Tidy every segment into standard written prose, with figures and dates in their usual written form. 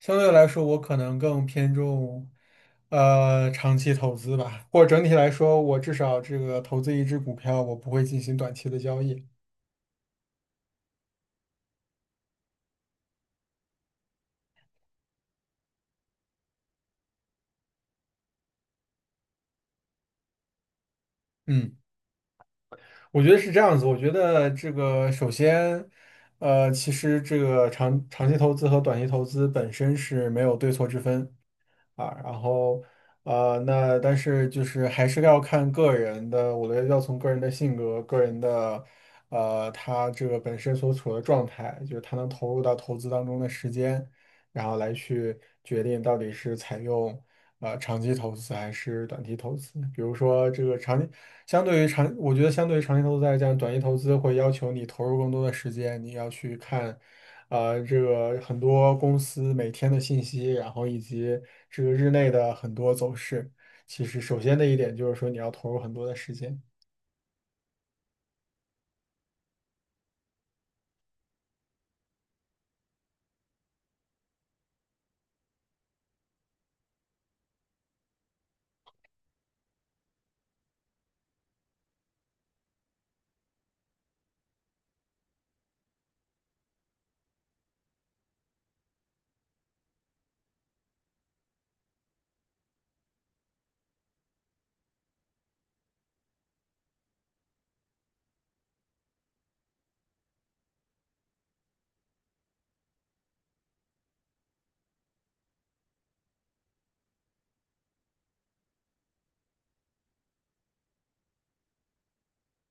相对来说，我可能更偏重，长期投资吧。或者整体来说，我至少这个投资一只股票，我不会进行短期的交易。嗯。我觉得是这样子。我觉得这个首先，其实这个长期投资和短期投资本身是没有对错之分啊。然后，那但是就是还是要看个人的。我觉得要从个人的性格、个人的，他这个本身所处的状态，就是他能投入到投资当中的时间，然后来去决定到底是采用。长期投资还是短期投资？比如说这个长期，相对于长，我觉得相对于长期投资来讲，短期投资会要求你投入更多的时间。你要去看，这个很多公司每天的信息，然后以及这个日内的很多走势。其实，首先的一点就是说，你要投入很多的时间。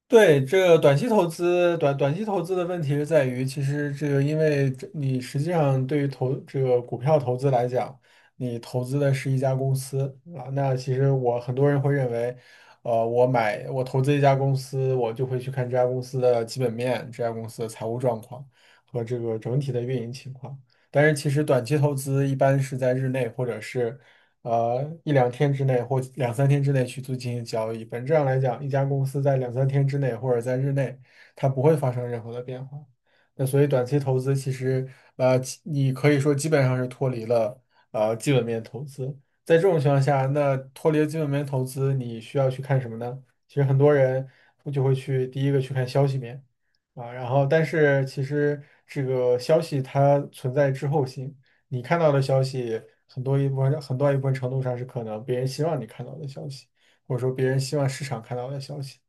对，这个短期投资，短期投资的问题是在于，其实这个因为这你实际上对于投这个股票投资来讲，你投资的是一家公司啊。那其实我很多人会认为，我买我投资一家公司，我就会去看这家公司的基本面、这家公司的财务状况和这个整体的运营情况。但是其实短期投资一般是在日内或者是一两天之内或两三天之内去做进行交易。本质上来讲，一家公司在两三天之内或者在日内，它不会发生任何的变化。那所以短期投资其实其你可以说基本上是脱离了基本面投资。在这种情况下，那脱离了基本面投资，你需要去看什么呢？其实很多人就会去第一个去看消息面啊，然后但是其实这个消息它存在滞后性。你看到的消息，很多一部分很大一部分程度上是可能别人希望你看到的消息，或者说别人希望市场看到的消息。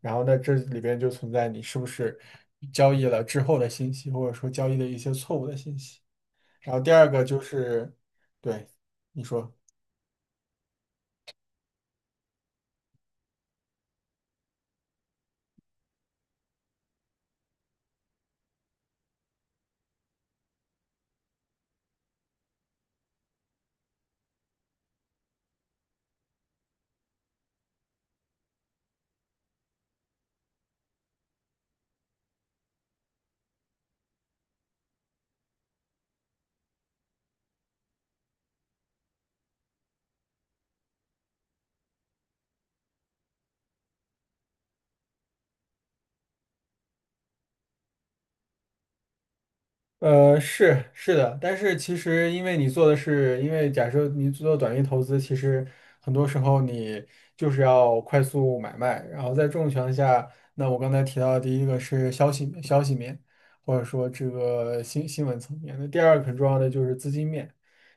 然后在这里边就存在你是不是交易了之后的信息，或者说交易的一些错误的信息。然后第二个就是，对，你说。是的，但是其实因为你做的是，因为假设你做短期投资，其实很多时候你就是要快速买卖。然后在这种情况下，那我刚才提到的第一个是消息面，或者说这个新闻层面，那第二个很重要的就是资金面。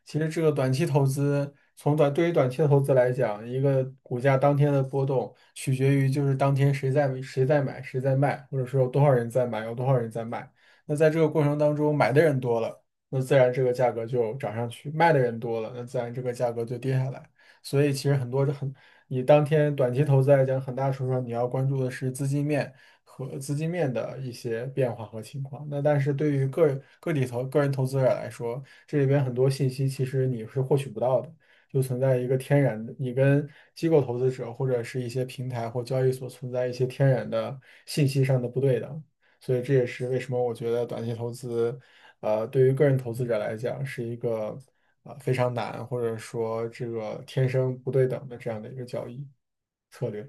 其实这个短期投资，对于短期的投资来讲，一个股价当天的波动取决于就是当天谁在买，谁在卖，或者说有多少人在买，有多少人在卖。那在这个过程当中，买的人多了，那自然这个价格就涨上去；卖的人多了，那自然这个价格就跌下来。所以其实很多这很，你当天短期投资来讲，很大程度上你要关注的是资金面和资金面的一些变化和情况。那但是对于个人投资者来说，这里边很多信息其实你是获取不到的。就存在一个天然的，你跟机构投资者或者是一些平台或交易所存在一些天然的信息上的不对等。所以这也是为什么我觉得短期投资，对于个人投资者来讲是一个非常难，或者说这个天生不对等的这样的一个交易策略。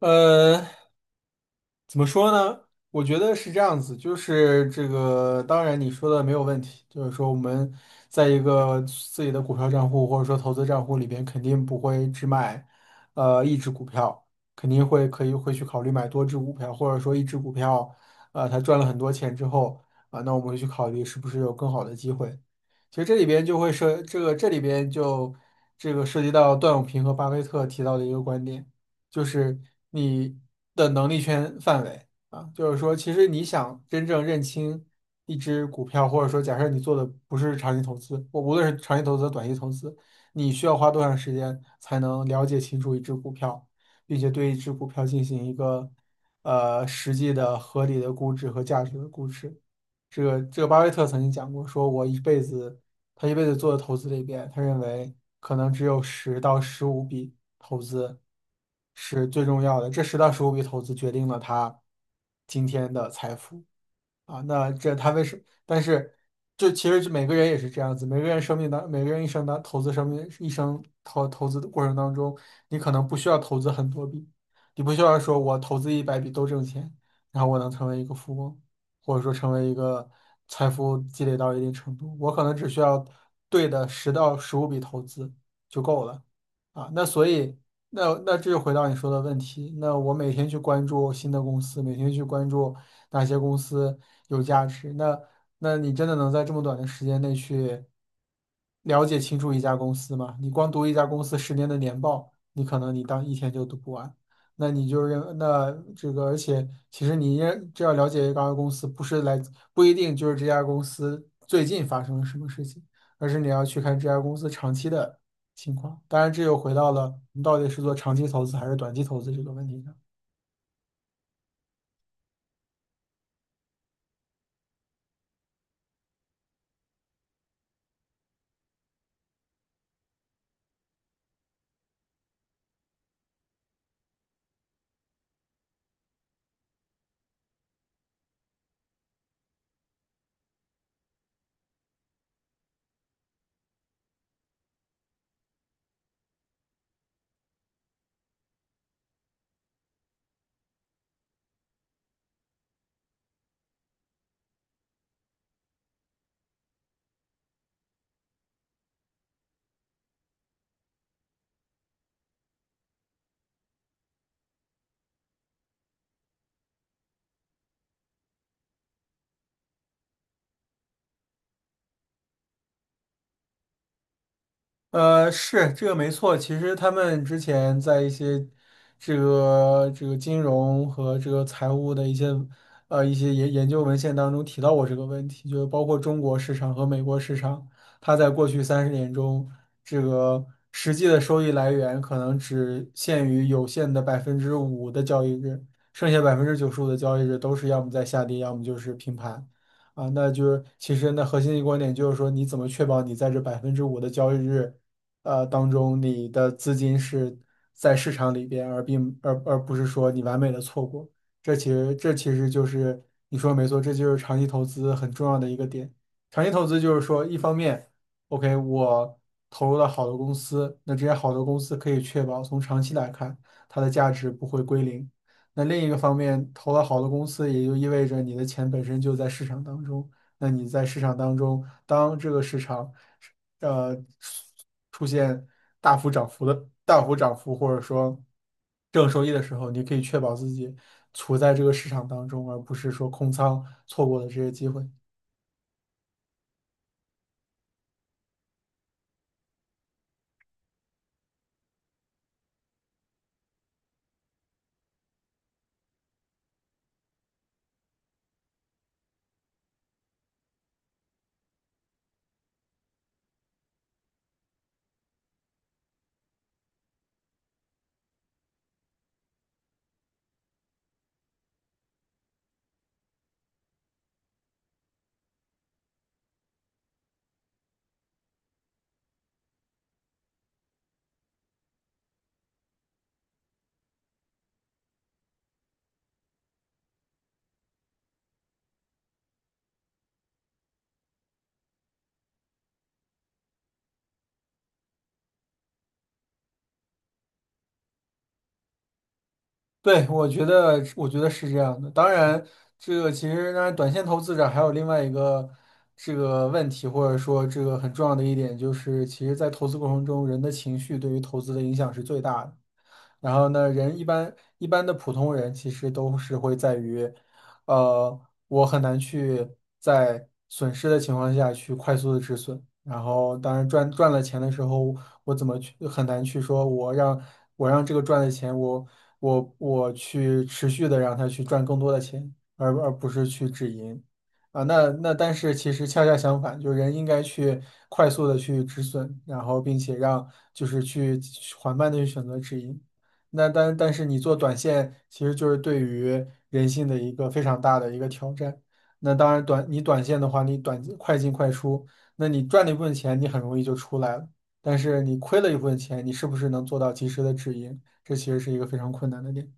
呃，怎么说呢？我觉得是这样子，就是这个，当然你说的没有问题，就是说我们在一个自己的股票账户或者说投资账户里边，肯定不会只买一只股票，肯定会可以会去考虑买多只股票，或者说一只股票，啊，它赚了很多钱之后啊、那我们会去考虑是不是有更好的机会。其实这里边就会涉这个这里边就这个涉及到段永平和巴菲特提到的一个观点。就是你的能力圈范围啊，就是说，其实你想真正认清一只股票，或者说假设你做的不是长期投资，我无论是长期投资、短期投资，你需要花多长时间才能了解清楚一只股票，并且对一只股票进行一个实际的合理的估值和价值的估值。这个巴菲特曾经讲过，说我一辈子他一辈子做的投资里边，他认为可能只有十到十五笔。投资是最重要的，这十到十五笔投资决定了他今天的财富。啊，那这他为什？但是，其实每个人也是这样子，每个人一生当投资生命一生投资的过程当中，你可能不需要投资很多笔，你不需要说我投资100笔都挣钱，然后我能成为一个富翁，或者说成为一个财富积累到一定程度，我可能只需要对的十到十五笔投资就够了啊。那所以，那这就回到你说的问题，那我每天去关注新的公司，每天去关注。哪些公司有价值。那你真的能在这么短的时间内去了解清楚一家公司吗？你光读一家公司十年的年报，你可能你当一天就读不完。那你就认那这个，而且其实你也这要了解一家公司，不一定就是这家公司最近发生了什么事情，而是你要去看这家公司长期的情况。当然，这又回到了你到底是做长期投资还是短期投资这个问题上。是这个没错。其实他们之前在一些这个金融和这个财务的一些一些研究文献当中提到过这个问题，就是包括中国市场和美国市场，它在过去30年中，这个实际的收益来源可能只限于有限的百分之五的交易日，剩下95%的交易日都是要么在下跌，要么就是平盘。啊，那就是其实那核心的观点就是说，你怎么确保你在这百分之五的交易日当中，你的资金是在市场里边，而并而而不是说你完美的错过。这其实就是你说的没错，这就是长期投资很重要的一个点。长期投资就是说，一方面，OK,我投入了好的公司，那这些好的公司可以确保从长期来看，它的价值不会归零。那另一个方面，投了好的公司，也就意味着你的钱本身就在市场当中。那你在市场当中，当这个市场呃出现大幅涨幅，或者说正收益的时候，你可以确保自己处在这个市场当中，而不是说空仓错过了这些机会。对，我觉得是这样的。当然，这个其实，当然，短线投资者还有另外一个这个问题，或者说这个很重要的一点，就是其实，在投资过程中，人的情绪对于投资的影响是最大的。然后呢，人一般的普通人其实都是会在于，呃，我很难去在损失的情况下去快速的止损。然后，当然赚了钱的时候，我怎么去很难去说我让这个赚的钱我。我去持续的让他去赚更多的钱，而不是去止盈啊。那但是其实恰恰相反，就人应该去快速的去止损，然后并且让就是去缓慢的去选择止盈。那但是你做短线，其实就是对于人性的一个非常大的一个挑战。那当然你短线的话，你快进快出，那你赚了一部分钱，你很容易就出来了。但是你亏了一部分钱，你是不是能做到及时的止盈？这其实是一个非常困难的点。